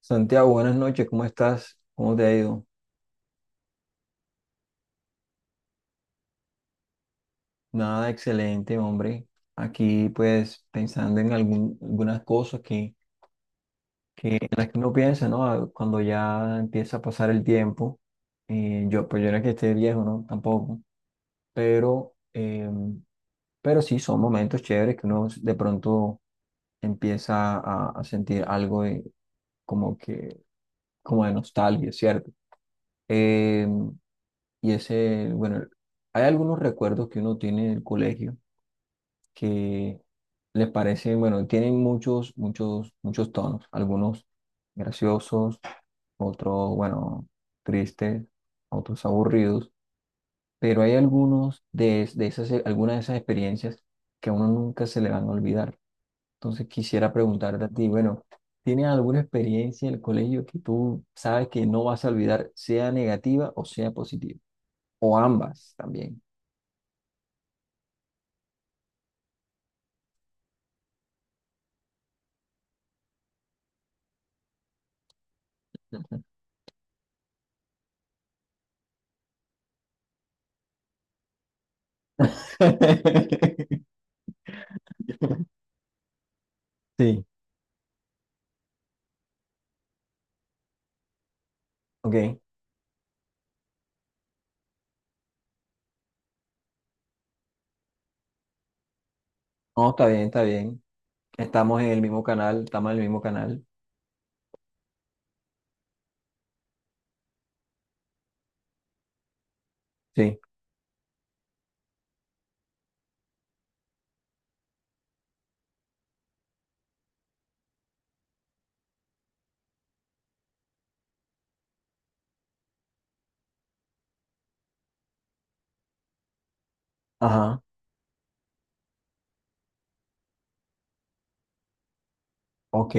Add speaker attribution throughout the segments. Speaker 1: Santiago, buenas noches, ¿cómo estás? ¿Cómo te ha ido? Nada, excelente, hombre. Aquí, pues, pensando en algunas cosas que, en las que uno piensa, ¿no? Ah, cuando ya empieza a pasar el tiempo, yo no es que esté viejo, ¿no? Tampoco, pero, eh, pero sí, son momentos chéveres que uno de pronto empieza a sentir algo como que, como de nostalgia, ¿cierto? Em, Y hay algunos recuerdos que uno tiene del colegio que tienen muchos, muchos, muchos tonos, algunos graciosos, otros, bueno, tristes, otros aburridos, pero hay algunos de, es- de esas, algunas de esas experiencias que a uno nunca se le van a olvidar. Entonces quisiera preguntarte a ti, bueno, ¿tienes alguna experiencia del colegio que tú sabes que no vas a olvidar, sea negativa o sea positiva? O ambas también. Sí, ok. No, está bien, está bien. Estamos en el mismo canal, estamos en el mismo canal. Sí, ajá, ok.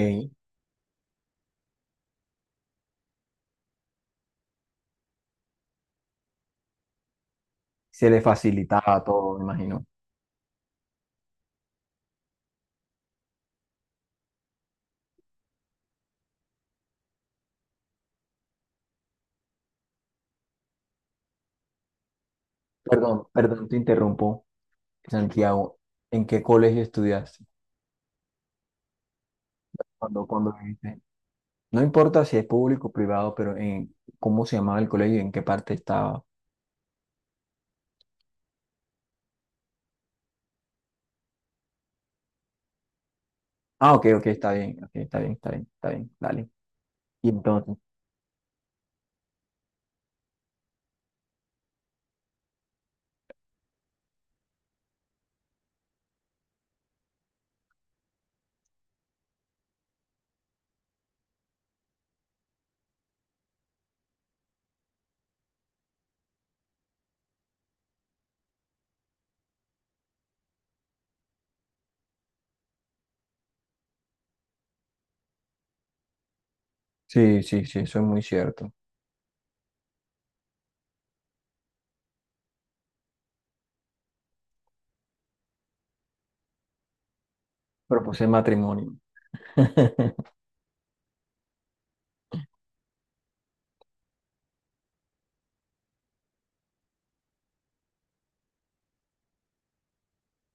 Speaker 1: Se le facilitaba todo, me imagino. Perdón, perdón, te interrumpo, Santiago. ¿En qué colegio estudiaste? Cuando viviste? No importa si es público o privado, pero en cómo se llamaba el colegio y en qué parte estaba. Ah, ok, ok, está bien, está bien, está bien, dale. Y entonces, sí, sí, sí, eso es muy cierto. Propuse matrimonio.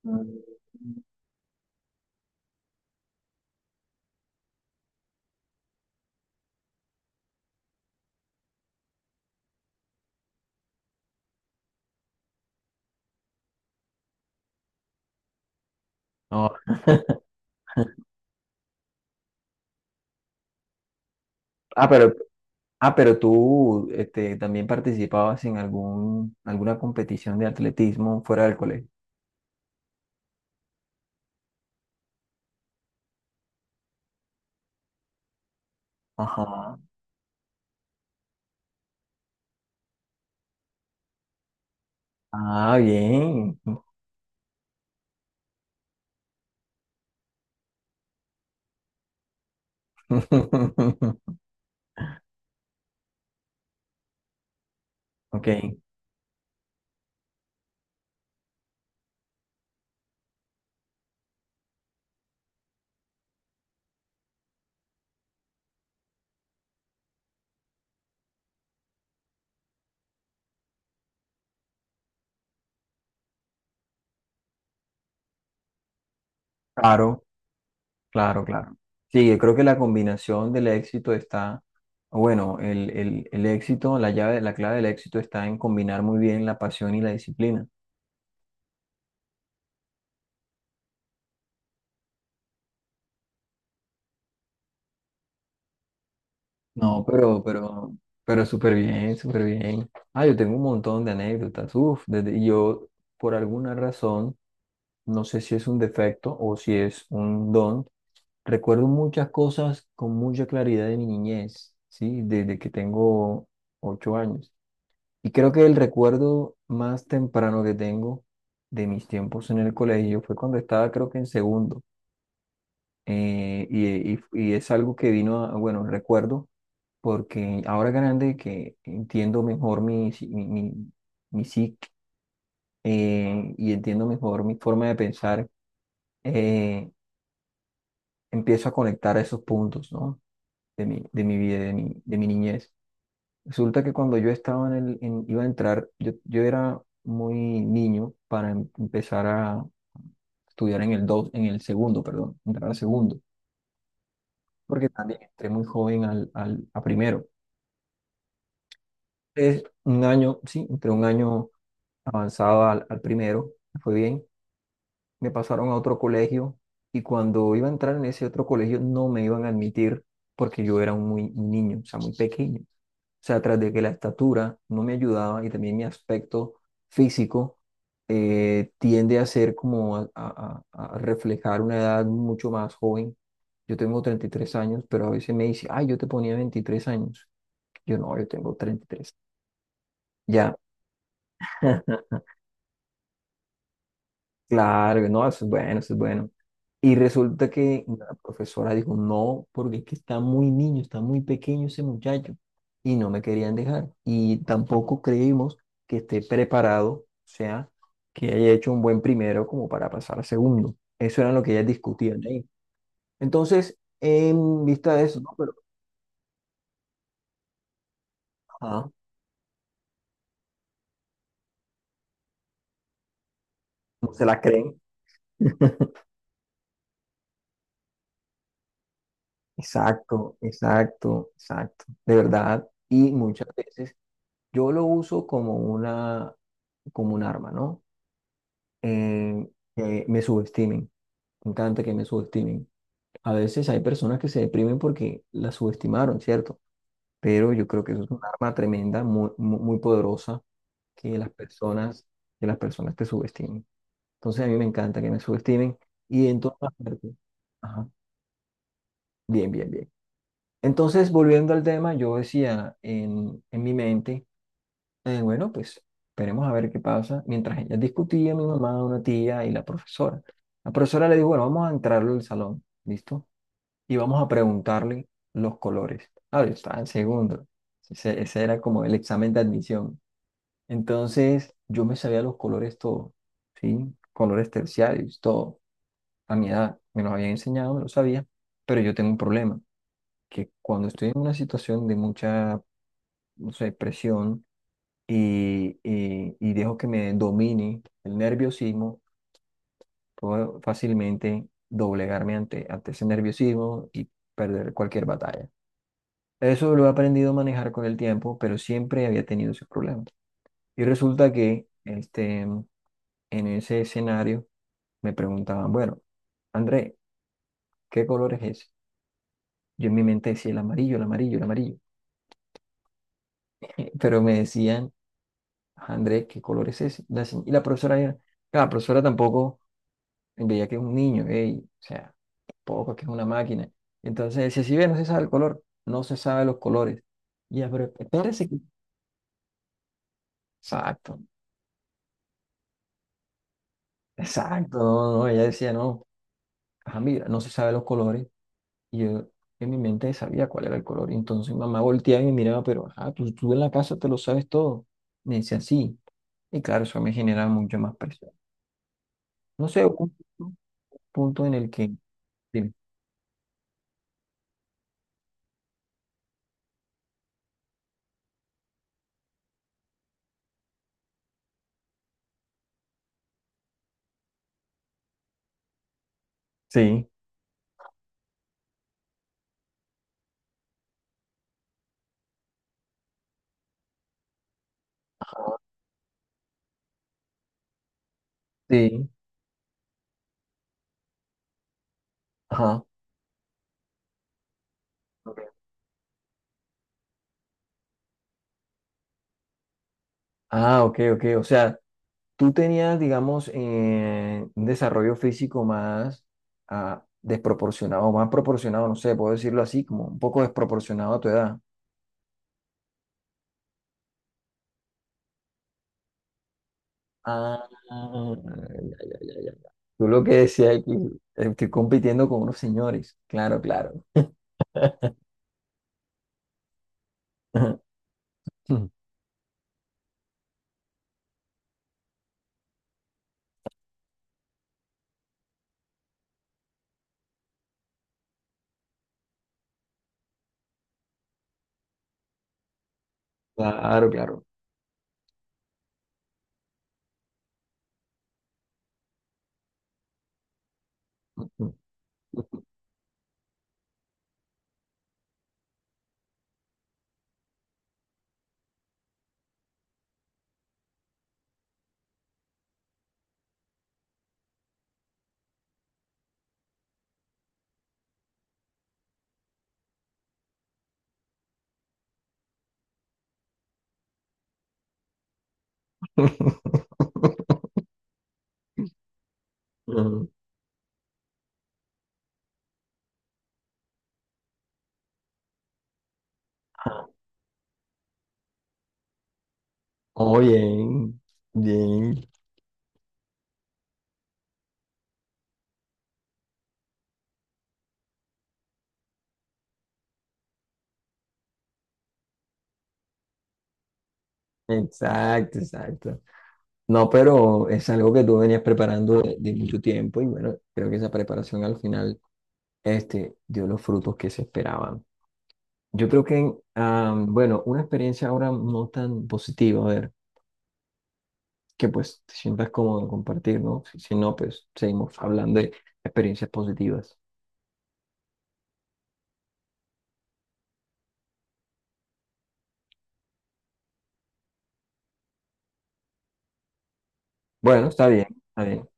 Speaker 1: Mm. No. Ah, pero, ah, pero tú también participabas en alguna competición de atletismo fuera del colegio. Ajá. Ah, bien. Ok. Claro, claro, claro. Sí, yo creo que la combinación del éxito está, bueno, el éxito, la llave, la clave del éxito está en combinar muy bien la pasión y la disciplina. No, pero súper bien, súper bien. Ah, yo tengo un montón de anécdotas. Uf, y yo, por alguna razón, no sé si es un defecto o si es un don, recuerdo muchas cosas con mucha claridad de mi niñez, ¿sí? Desde que tengo ocho años. Y creo que el recuerdo más temprano que tengo de mis tiempos en el colegio fue cuando estaba, creo que en segundo. Y es algo que vino recuerdo porque ahora grande que entiendo mejor mi, si- mi psique, y entiendo mejor mi forma de pensar, eh, empiezo a conectar esos puntos, ¿no? De mi vida, de mi niñez. Resulta que cuando yo estaba iba a entrar, yo era muy niño para empezar a estudiar en el segundo, perdón, entrar al segundo, porque también entré muy joven a primero. Es un año, sí, entre un año avanzado al primero, me fue bien. Me pasaron a otro colegio y cuando iba a entrar en ese otro colegio no me iban a admitir porque yo era un niño, o sea, muy pequeño. O sea, tras de que la estatura no me ayudaba y también mi aspecto físico tiende a ser como a reflejar una edad mucho más joven. Yo tengo 33 años, pero a veces me dice, ay, yo te ponía 23 años. Yo no, yo tengo 33. Ya, claro, no, eso es bueno, eso es bueno. Y resulta que la profesora dijo, no, porque es que está muy niño, está muy pequeño ese muchacho. Y no me querían dejar. Y tampoco creímos que esté preparado, o sea, que haya hecho un buen primero como para pasar a segundo. Eso era lo que ellas discutían ahí. Entonces, en vista de eso, no, pero ajá, no se la creen. Exacto, exacto, exacto. De verdad. Y muchas veces yo lo uso como una, como un arma, ¿no? eh, que me subestimen. Me encanta que me subestimen. A veces hay personas que se deprimen porque las subestimaron, ¿cierto? Pero yo creo que eso es un arma tremenda, muy, muy, muy poderosa, que las personas, que las personas te subestimen. Entonces a mí me encanta que me subestimen y en todas partes. Ajá. Bien, bien, bien. Entonces, volviendo al tema, yo decía en mi mente. Bueno, pues esperemos a ver qué pasa. Mientras ella discutía, mi mamá, una tía y la profesora. La profesora le dijo, bueno, vamos a entrarlo al salón, ¿listo? Y vamos a preguntarle los colores. Ah, yo estaba en segundo. Ese era como el examen de admisión. Entonces, yo me sabía los colores todo, ¿sí? Colores terciarios, todo. A mi edad, me los habían enseñado, me los sabía. Pero yo tengo un problema, que cuando estoy en una situación de mucha, no sé, presión, y dejo que me domine el nerviosismo, puedo fácilmente doblegarme ante ese nerviosismo y perder cualquier batalla. Eso lo he aprendido a manejar con el tiempo, pero siempre había tenido esos problemas. Y resulta que en ese escenario me preguntaban, bueno, André, ¿qué color es ese? Yo en mi mente decía el amarillo, el amarillo, el amarillo. Pero me decían, André, ¿qué color es ese? Y la profesora, claro, la profesora tampoco veía que es un niño, ey, o sea, poco que es una máquina. Entonces si ve, no se sabe el color, no se sabe los colores. Y ya, pero espérese que... Exacto, exacto, no, no, ella decía, no, ajá, mira, no se sabe los colores. Y yo en mi mente sabía cuál era el color. Y entonces mamá volteaba y me miraba, pero, ajá, tú en la casa te lo sabes todo. Me decía, sí. Y claro, eso me generaba mucha más presión. No sé, hubo un punto en el que... dime. Sí, sí, ajá. Ah, ok, ok. O sea, tú tenías, digamos, un desarrollo físico más desproporcionado, más proporcionado, no sé, puedo decirlo así, como un poco desproporcionado a tu edad. Ah, ya, ya, ya, ya, ya. Tú lo que decías es que estoy compitiendo con unos señores. Claro, claro. Claro, claro. Oh, bien, bien. Exacto, exacto. No, pero es algo que tú venías preparando de mucho tiempo y bueno, creo que esa preparación al final dio los frutos que se esperaban. Yo creo que, bueno, una experiencia ahora no tan positiva, a ver, que pues te sientas cómodo en compartir, ¿no? Si no, pues seguimos hablando de experiencias positivas. Bueno, está bien, está bien.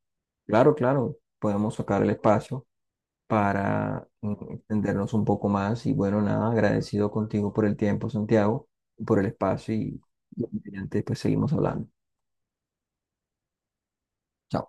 Speaker 1: Claro, claro, podemos sacar el espacio para entendernos un poco más. Y bueno, nada, agradecido contigo por el tiempo, Santiago, por el espacio y antes pues seguimos hablando. Chao.